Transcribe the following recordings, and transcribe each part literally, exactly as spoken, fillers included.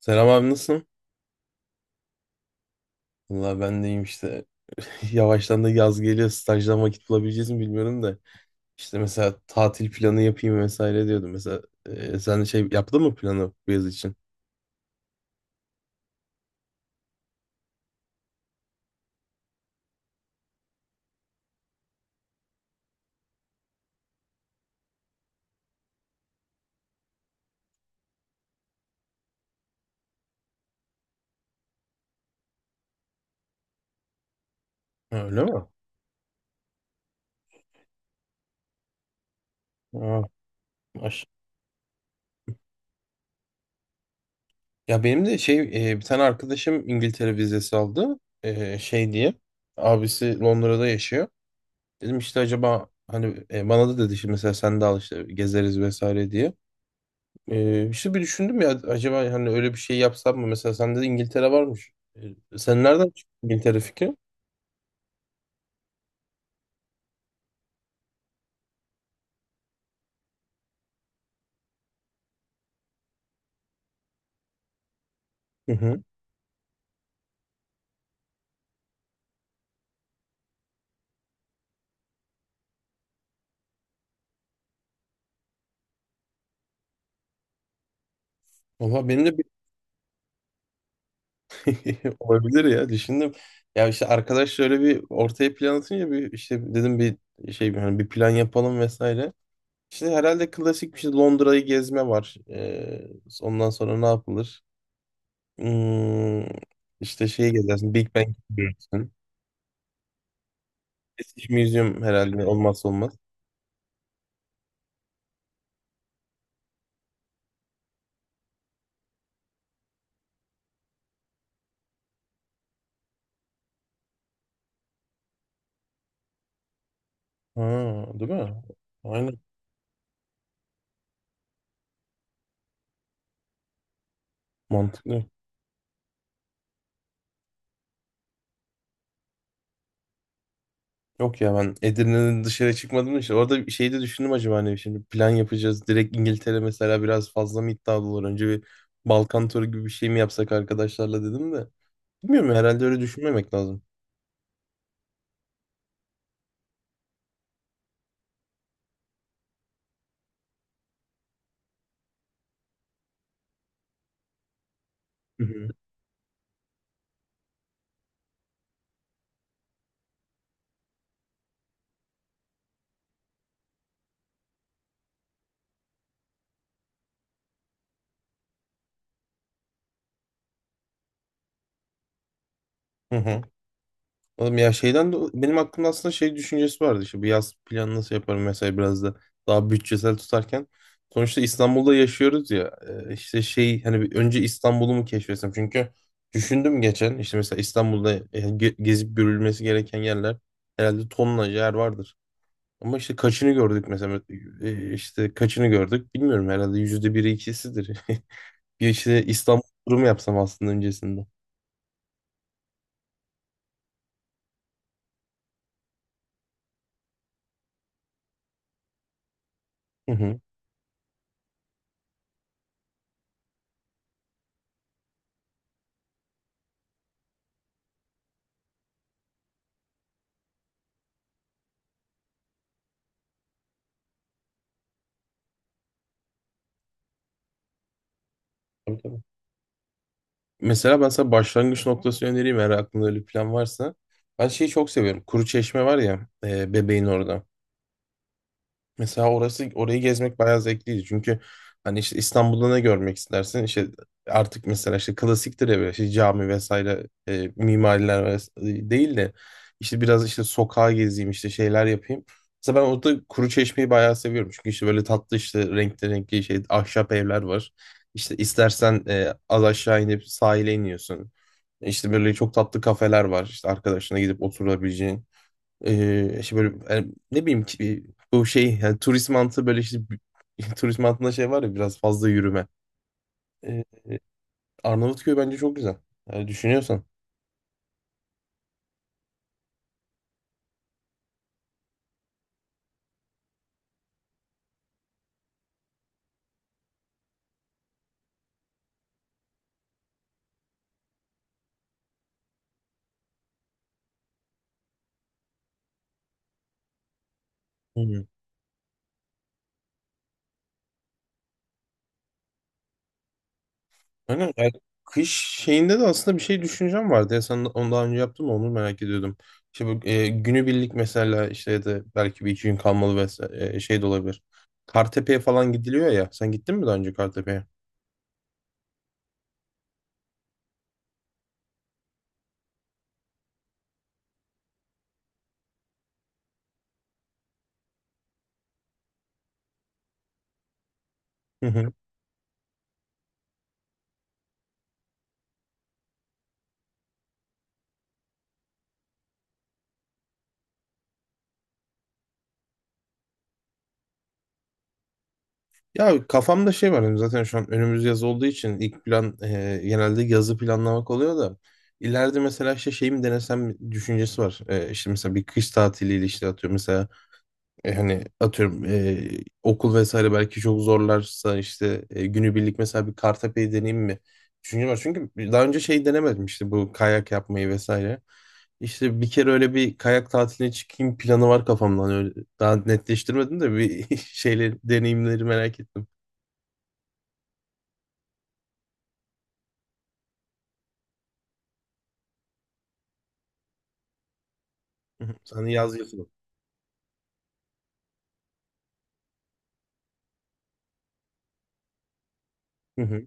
Selam abi nasılsın? Valla ben de iyiyim işte. Yavaştan da yaz geliyor. Stajdan vakit bulabileceğiz mi bilmiyorum da. İşte mesela tatil planı yapayım vesaire diyordum. Mesela e, sen de şey yaptın mı planı bu yaz için? Ha, öyle mi? Ha, aş- ya benim de şey e, bir tane arkadaşım İngiltere vizesi aldı. E, şey diye. Abisi Londra'da yaşıyor. Dedim işte acaba hani e, bana da dedi şimdi mesela sen de al işte gezeriz vesaire diye. Ee, işte bir düşündüm ya acaba hani öyle bir şey yapsam mı? Mesela sen de İngiltere varmış. Ee, sen nereden çıktı İngiltere fikri? Hı hı. Valla benim de bir olabilir ya düşündüm. Ya işte arkadaş şöyle bir ortaya plan atınca bir işte dedim bir şey hani bir plan yapalım vesaire. İşte herhalde klasik bir şey Londra'yı gezme var. Ee, ondan sonra ne yapılır? Hmm, işte şeyi gezersin. Big Bang görürsün. British Museum herhalde olmazsa olmaz. Ha, değil mi? Aynen. Mantıklı. Yok ya ben Edirne'den dışarı çıkmadım işte. Orada bir şey de düşündüm acaba hani şimdi plan yapacağız. Direkt İngiltere mesela biraz fazla mı iddialı olur? Önce bir Balkan turu gibi bir şey mi yapsak arkadaşlarla dedim de. Bilmiyorum herhalde öyle düşünmemek lazım. Hı hı. Hı hı. Oğlum ya şeyden de benim aklımda aslında şey düşüncesi vardı işte bir yaz planı nasıl yaparım mesela biraz da daha bütçesel tutarken. Sonuçta İstanbul'da yaşıyoruz ya e, işte şey hani bir önce İstanbul'u mu keşfetsem çünkü düşündüm geçen işte mesela İstanbul'da e, ge- gezip görülmesi gereken yerler herhalde tonla yer vardır. Ama işte kaçını gördük mesela. E, işte kaçını gördük bilmiyorum herhalde yüzde biri ikisidir. Bir işte İstanbul turu mu yapsam aslında öncesinde. Hı hı. Tabii tabii. Mesela ben sana başlangıç noktası önereyim eğer aklında öyle bir plan varsa. Ben şeyi çok seviyorum. Kuru Çeşme var ya e, Bebeğin orada. Mesela orası orayı gezmek bayağı zevkliydi. Çünkü hani işte İstanbul'da ne görmek istersin? İşte artık mesela işte klasiktir ya böyle işte cami vesaire e, mimariler ves- değil de işte biraz işte sokağa gezeyim işte şeyler yapayım. Mesela ben orada Kuruçeşme'yi bayağı seviyorum. Çünkü işte böyle tatlı işte renkli renkli şey ahşap evler var. İşte istersen e, az aşağı inip sahile iniyorsun. İşte böyle çok tatlı kafeler var. İşte arkadaşına gidip oturabileceğin. Ee, şey böyle yani ne bileyim ki bir- bu şey yani turist mantığı böyle işte turist mantığında şey var ya biraz fazla yürüme. Ee, Arnavutköy bence çok güzel. Yani düşünüyorsan. Hı. Aynen. Yani kış şeyinde de aslında bir şey düşüncem vardı. Ya sen onu daha önce yaptın mı onu merak ediyordum. İşte bu e, günübirlik mesela işte ya da belki bir iki gün kalmalı vesaire e, şey de olabilir. Kartepe'ye falan gidiliyor ya. Sen gittin mi daha önce Kartepe'ye? Ya kafamda şey var benim zaten şu an önümüz yaz olduğu için ilk plan e, genelde yazı planlamak oluyor da ileride mesela işte şey mi denesem düşüncesi var. E, işte mesela bir kış tatiliyle işte atıyorum mesela e, hani atıyorum e, okul vesaire belki çok zorlarsa işte e, günübirlik mesela bir Kartepe'yi deneyeyim mi? Düşünce var. Çünkü daha önce şey denemedim işte bu kayak yapmayı vesaire. İşte bir kere öyle bir kayak tatiline çıkayım planı var kafamdan öyle. Daha netleştirmedim de bir şeyle deneyimleri merak ettim. Hı hı. Sen yaz yazılım. Hı hı.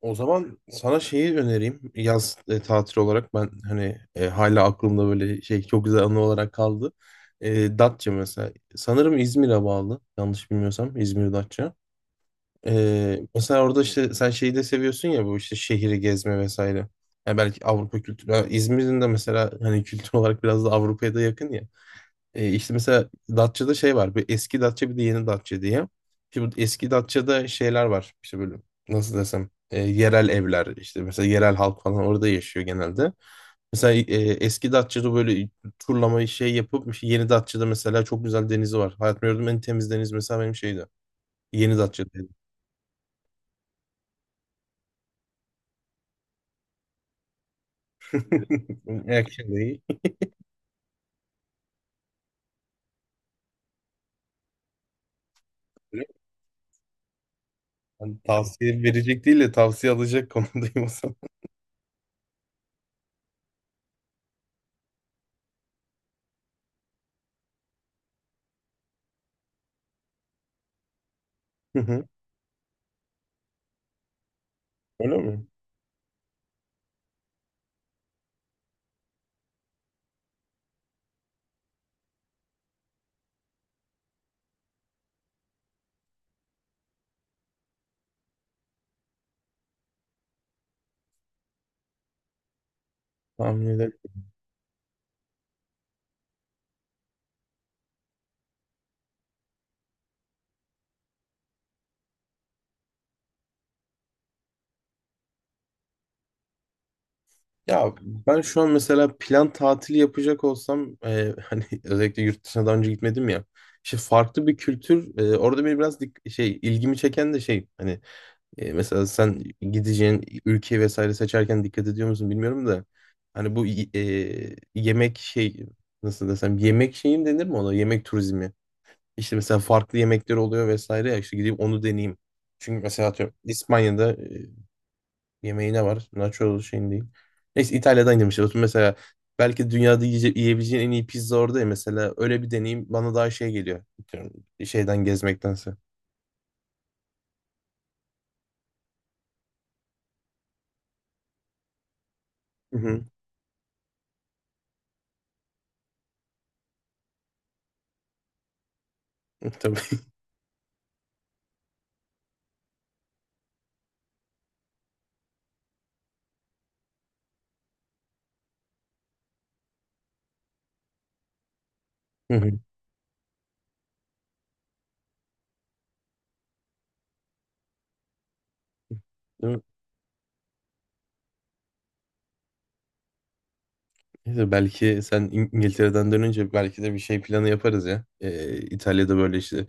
O zaman sana şeyi önereyim. Yaz e, tatil olarak ben hani e, hala aklımda böyle şey çok güzel anı olarak kaldı. E, Datça mesela. Sanırım İzmir'e bağlı. Yanlış bilmiyorsam İzmir Datça. E, mesela orada işte sen şeyi de seviyorsun ya bu işte şehri gezme vesaire. Yani belki Avrupa kültürü. Ha, İzmir'in de mesela hani kültür olarak biraz da Avrupa'ya da yakın ya. E, işte mesela Datça'da şey var. Bir eski Datça bir de yeni Datça diye. Şimdi bu eski Datça'da şeyler var. İşte böyle nasıl desem e, yerel evler işte mesela yerel halk falan orada yaşıyor genelde. Mesela e, eski Datça'da böyle turlamayı şey yapıp işte yeni Datça'da mesela çok güzel denizi var. Hayatımda gördüğüm en temiz deniz mesela benim şeydi. Yeni Datça'daydı. Actually. Yani tavsiye verecek değil de tavsiye alacak konumdayım o zaman. Hı hı. Öyle mi? Tahmin. Ya ben şu an mesela plan tatili yapacak olsam e, hani özellikle yurt dışına daha önce gitmedim ya. İşte farklı bir kültür e, orada beni biraz dik- şey ilgimi çeken de şey hani e, mesela sen gideceğin ülke vesaire seçerken dikkat ediyor musun bilmiyorum da hani bu y- e, yemek şey nasıl desem yemek şeyim denir mi ona yemek turizmi. İşte mesela farklı yemekler oluyor vesaire ya işte gideyim onu deneyeyim. Çünkü mesela atıyorum İspanya'da e, yemeğine var. Nacho şeyin değil. Neyse İtalya'dan yemiş olsun. Mesela belki dünyada yiyece- yiyebileceğin en iyi pizza orada ya. Mesela öyle bir deneyim bana daha şey geliyor. Atıyorum, şeyden gezmektense. Hı hı. Tabii. Hı hı. Değil mi? Neyse, belki sen İng- İngiltere'den dönünce belki de bir şey planı yaparız ya. Ee, İtalya'da böyle işte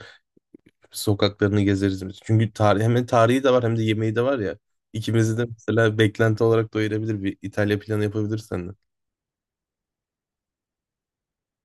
sokaklarını gezeriz biz. Çünkü tarih, hem tarihi de var hem de yemeği de var ya. İkimizi de mesela beklenti olarak doyurabilir bir İtalya planı yapabilirsen.